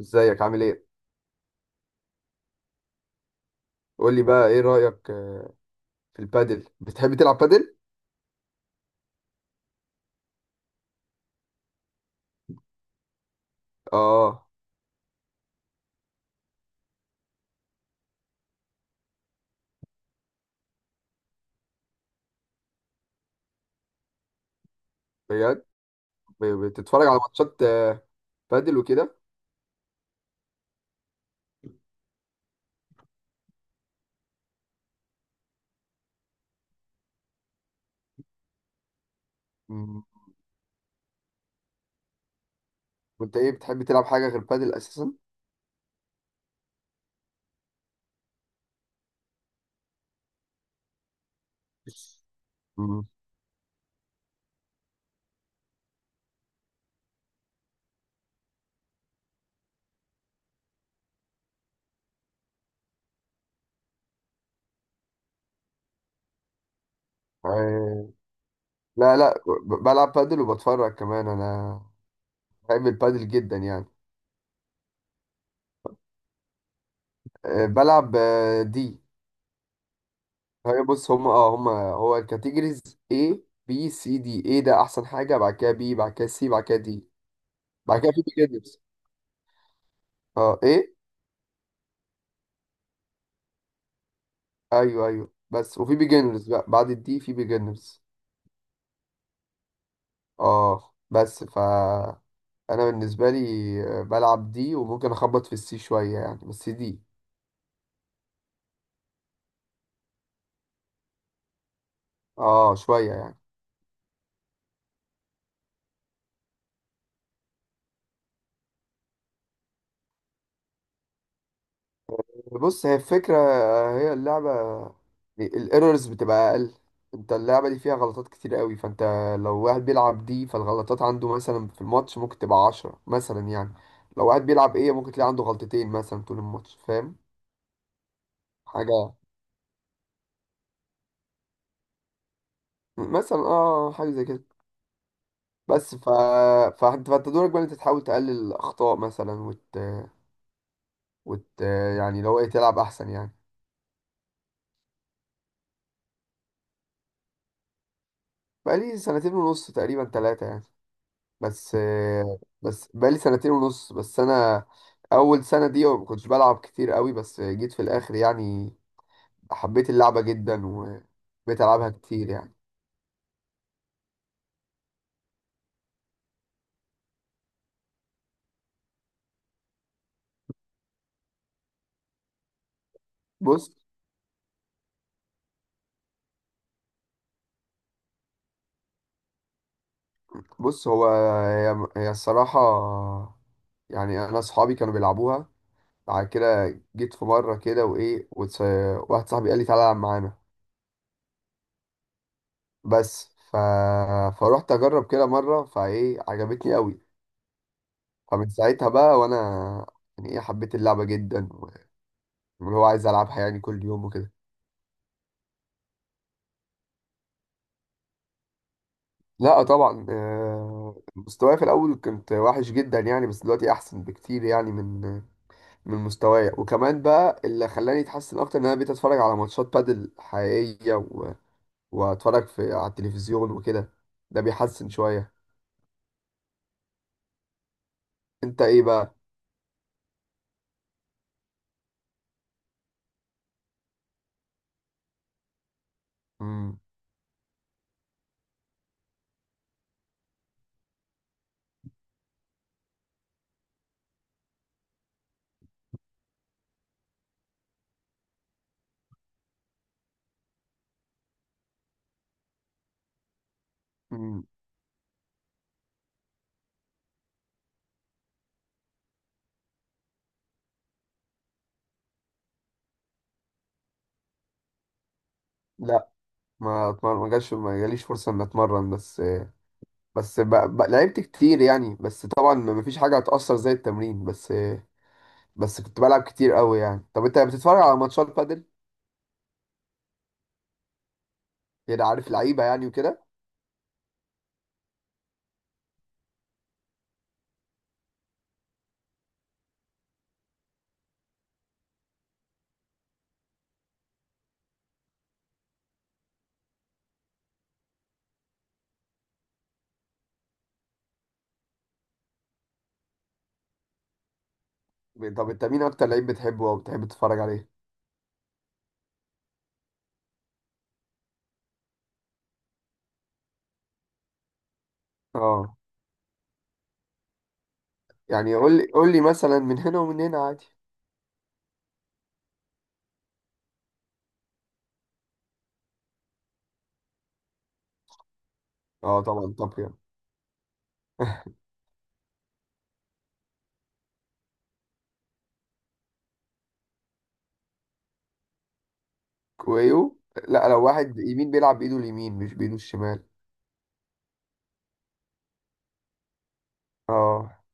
ازيك عامل ايه؟ قول لي بقى ايه رأيك، في البادل؟ بتحب تلعب بادل؟ اه، بجد؟ بتتفرج على ماتشات بادل وكده؟ مم. وانت ايه بتحب تلعب حاجة غير بادل اساسا؟ مم. آه، لا، لا، بلعب بادل وبتفرج كمان. انا بحب البادل جدا يعني. بلعب، دي هي. بص، هم هو الكاتيجوريز A B C D. A ده احسن حاجة، بعد كده B، بعد كده C، بعد كده D، بعد كده في بيجنرز، اه A. ايوه، ايوه، بس وفي بيجنرز بقى بعد الدي في بيجنرز. اه، بس انا بالنسبه لي بلعب دي، وممكن اخبط في السي شويه يعني، بس دي. اه، شويه يعني. بص، هي الفكره، هي اللعبه. الايرورز بتبقى اقل. انت اللعبه دي فيها غلطات كتير قوي. فانت لو واحد بيلعب دي فالغلطات عنده مثلا في الماتش ممكن تبقى عشرة مثلا يعني. لو واحد بيلعب ايه ممكن تلاقي عنده غلطتين مثلا طول الماتش، فاهم؟ حاجه. مثلا، اه، حاجه زي كده. بس فانت دورك بقى إن انت تحاول تقلل الاخطاء مثلا، وت... يعني لو ايه تلعب احسن يعني. بقالي سنتين ونص، تقريبا ثلاثة يعني. بس بس بقالي سنتين ونص، بس انا اول سنة دي ما كنتش بلعب كتير قوي، بس جيت في الاخر يعني حبيت اللعبة جدا وبقيت العبها كتير يعني. بص بص هو، هي الصراحة، يعني انا اصحابي كانوا بيلعبوها. بعد كده جيت في مرة كده، وإيه، واحد صاحبي قال لي تعالى العب معانا. بس فروحت أجرب كده مرة، فإيه، عجبتني قوي. فمن ساعتها بقى وأنا يعني إيه، حبيت اللعبة جدا، واللي هو عايز ألعبها يعني كل يوم وكده. لا، طبعا، مستواي في الأول كنت وحش جدا يعني، بس دلوقتي أحسن بكتير يعني من مستواي. وكمان بقى اللي خلاني أتحسن أكتر إن أنا بقيت أتفرج على ماتشات بادل حقيقية، وأتفرج على التلفزيون وكده. ده بيحسن شوية. انت ايه بقى؟ مم. مم. لا، ما اتمرن، ما جاليش فرصه ان اتمرن. بس، لعبت كتير يعني، بس طبعا ما فيش حاجه هتاثر زي التمرين. بس بس كنت بلعب كتير قوي يعني. طب انت بتتفرج على ماتشات بادل؟ يعني عارف لعيبه يعني وكده؟ طب انت مين اكتر لعيب بتحبه او بتحب تتفرج عليه؟ اه، يعني قول لي، قول لي، مثلا من هنا ومن هنا عادي. اه، طبعا، طب يعني. كويو. لا، لو واحد يمين بيلعب بايده اليمين مش بايده الشمال. اه،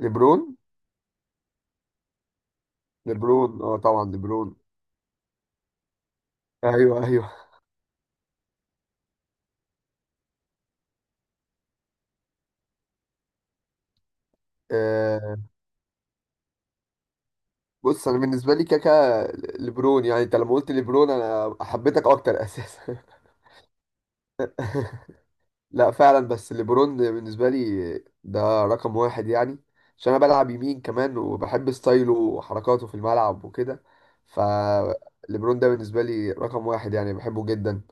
ليبرون. ليبرون، اه، طبعا، ليبرون. ايوه، ايوه. آه، بص، انا بالنسبه لي كاكا ليبرون، يعني انت لما قلت ليبرون انا حبيتك اكتر اساسا. لا، فعلا، بس ليبرون بالنسبه لي ده رقم واحد يعني. عشان انا بلعب يمين كمان وبحب ستايله وحركاته في الملعب وكده. فليبرون ده بالنسبه لي رقم واحد يعني، بحبه جدا.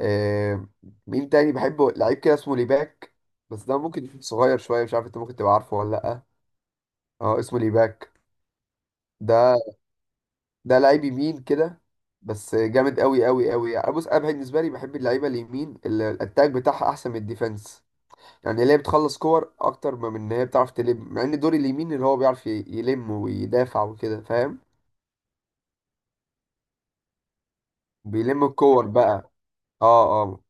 آه مين تاني بحبه؟ لعيب كده اسمه ليباك، بس ده ممكن يكون صغير شويه، مش عارف انت ممكن تبقى عارفه ولا لا. اه، اسمه ليباك. ده ده لعيب يمين كده، بس جامد قوي قوي قوي يعني. بص انا بالنسبه لي بحب اللعيبه اليمين اللي الاتاك بتاعها احسن من الديفenس، يعني اللي هي بتخلص كور اكتر ما من ان هي بتعرف تلم، مع ان دور اليمين اللي هو بيعرف يلم ويدافع وكده، فاهم؟ بيلم الكور بقى. اه، اه.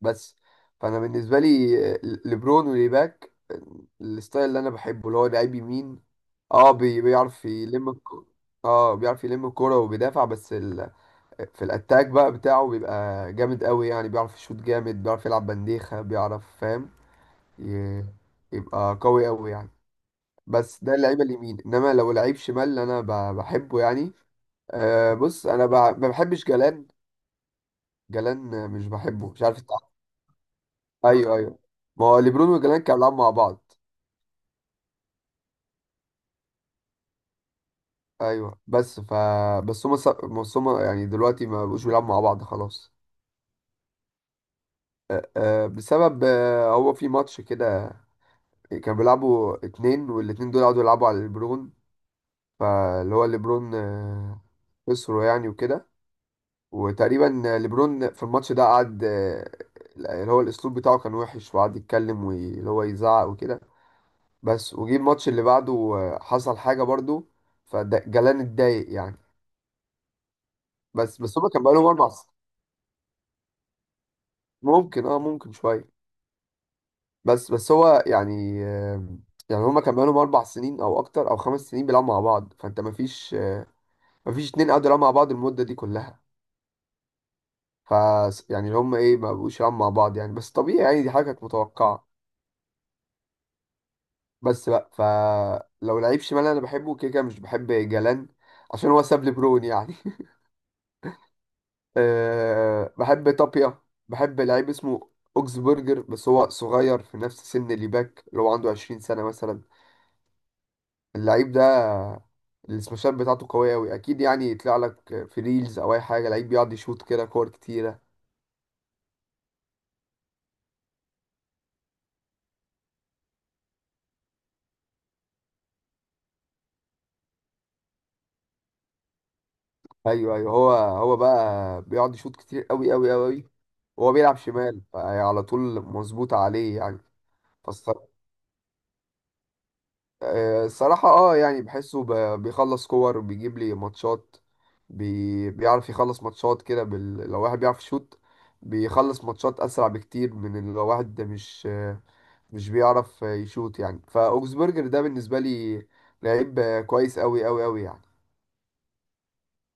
بس، فانا بالنسبه لي، لبرون وليباك، الستايل اللي انا بحبه اللي هو لعيب يمين، اه بيعرف يلم الكورة. اه، بيعرف يلم الكورة وبيدافع. بس في الاتاك بقى بتاعه بيبقى جامد قوي يعني، بيعرف يشوط جامد، بيعرف يلعب بنديخة، بيعرف، فاهم؟ ي- يبقى قوي قوي يعني. بس ده اللعيبة اليمين، انما لو لعيب شمال اللي انا بحبه يعني، أه بص، انا ما بحبش جلان. جلان، مش بحبه، مش عارف انت عارف. ايوه، ايوه، ما هو ليبرون وجلان كانوا بيلعبوا مع بعض. ايوه، بس بس هما يعني دلوقتي ما بقوش بيلعبوا مع بعض خلاص. أه آه، بسبب، هو في ماتش كده كانوا بيلعبوا اتنين، والاتنين دول قعدوا يلعبوا على ليبرون، فاللي هو ليبرون خسره يعني وكده. وتقريبا ليبرون في الماتش ده قعد، اللي هو الاسلوب بتاعه كان وحش، وقعد يتكلم واللي هو يزعق وكده. بس وجي الماتش اللي بعده حصل حاجة برضو، فجلان اتضايق يعني. بس هما كان بقالهم اربع ممكن شوية. بس هو يعني، يعني هما كان بقالهم اربع سنين او اكتر او خمس سنين بيلعبوا مع بعض، فانت مفيش اتنين قعدوا يلعبوا مع بعض المدة دي كلها. ف يعني اللي هم ايه ما بقوش يلعبوا مع بعض يعني، بس طبيعي يعني، دي حاجة كانت متوقعة. بس بقى، لو لعيب شمال انا بحبه، كده كده مش بحب جلان عشان هو ساب لي برون يعني. أه، بحب طابيا، بحب لعيب اسمه اوكسبرجر، بس هو صغير في نفس سن اللي باك، اللي هو عنده 20 سنة مثلا. اللعيب ده السماشات بتاعته قوية أوي أكيد يعني، يطلع لك في ريلز أو أي حاجة لعيب بيقعد يشوط كده كور كتيرة. ايوه، ايوه، هو بقى بيقعد يشوط كتير قوي قوي قوي، وهو بيلعب شمال، فعلى طول مظبوط عليه يعني. فالصراحة آه، الصراحة اه يعني بحسه بيخلص كور، بيجيب لي ماتشات. بيعرف يخلص ماتشات كده لو واحد بيعرف يشوط بيخلص ماتشات أسرع بكتير من لو واحد ده مش بيعرف يشوط يعني. فأوكسبرجر ده بالنسبة لي لعيب كويس قوي قوي قوي يعني.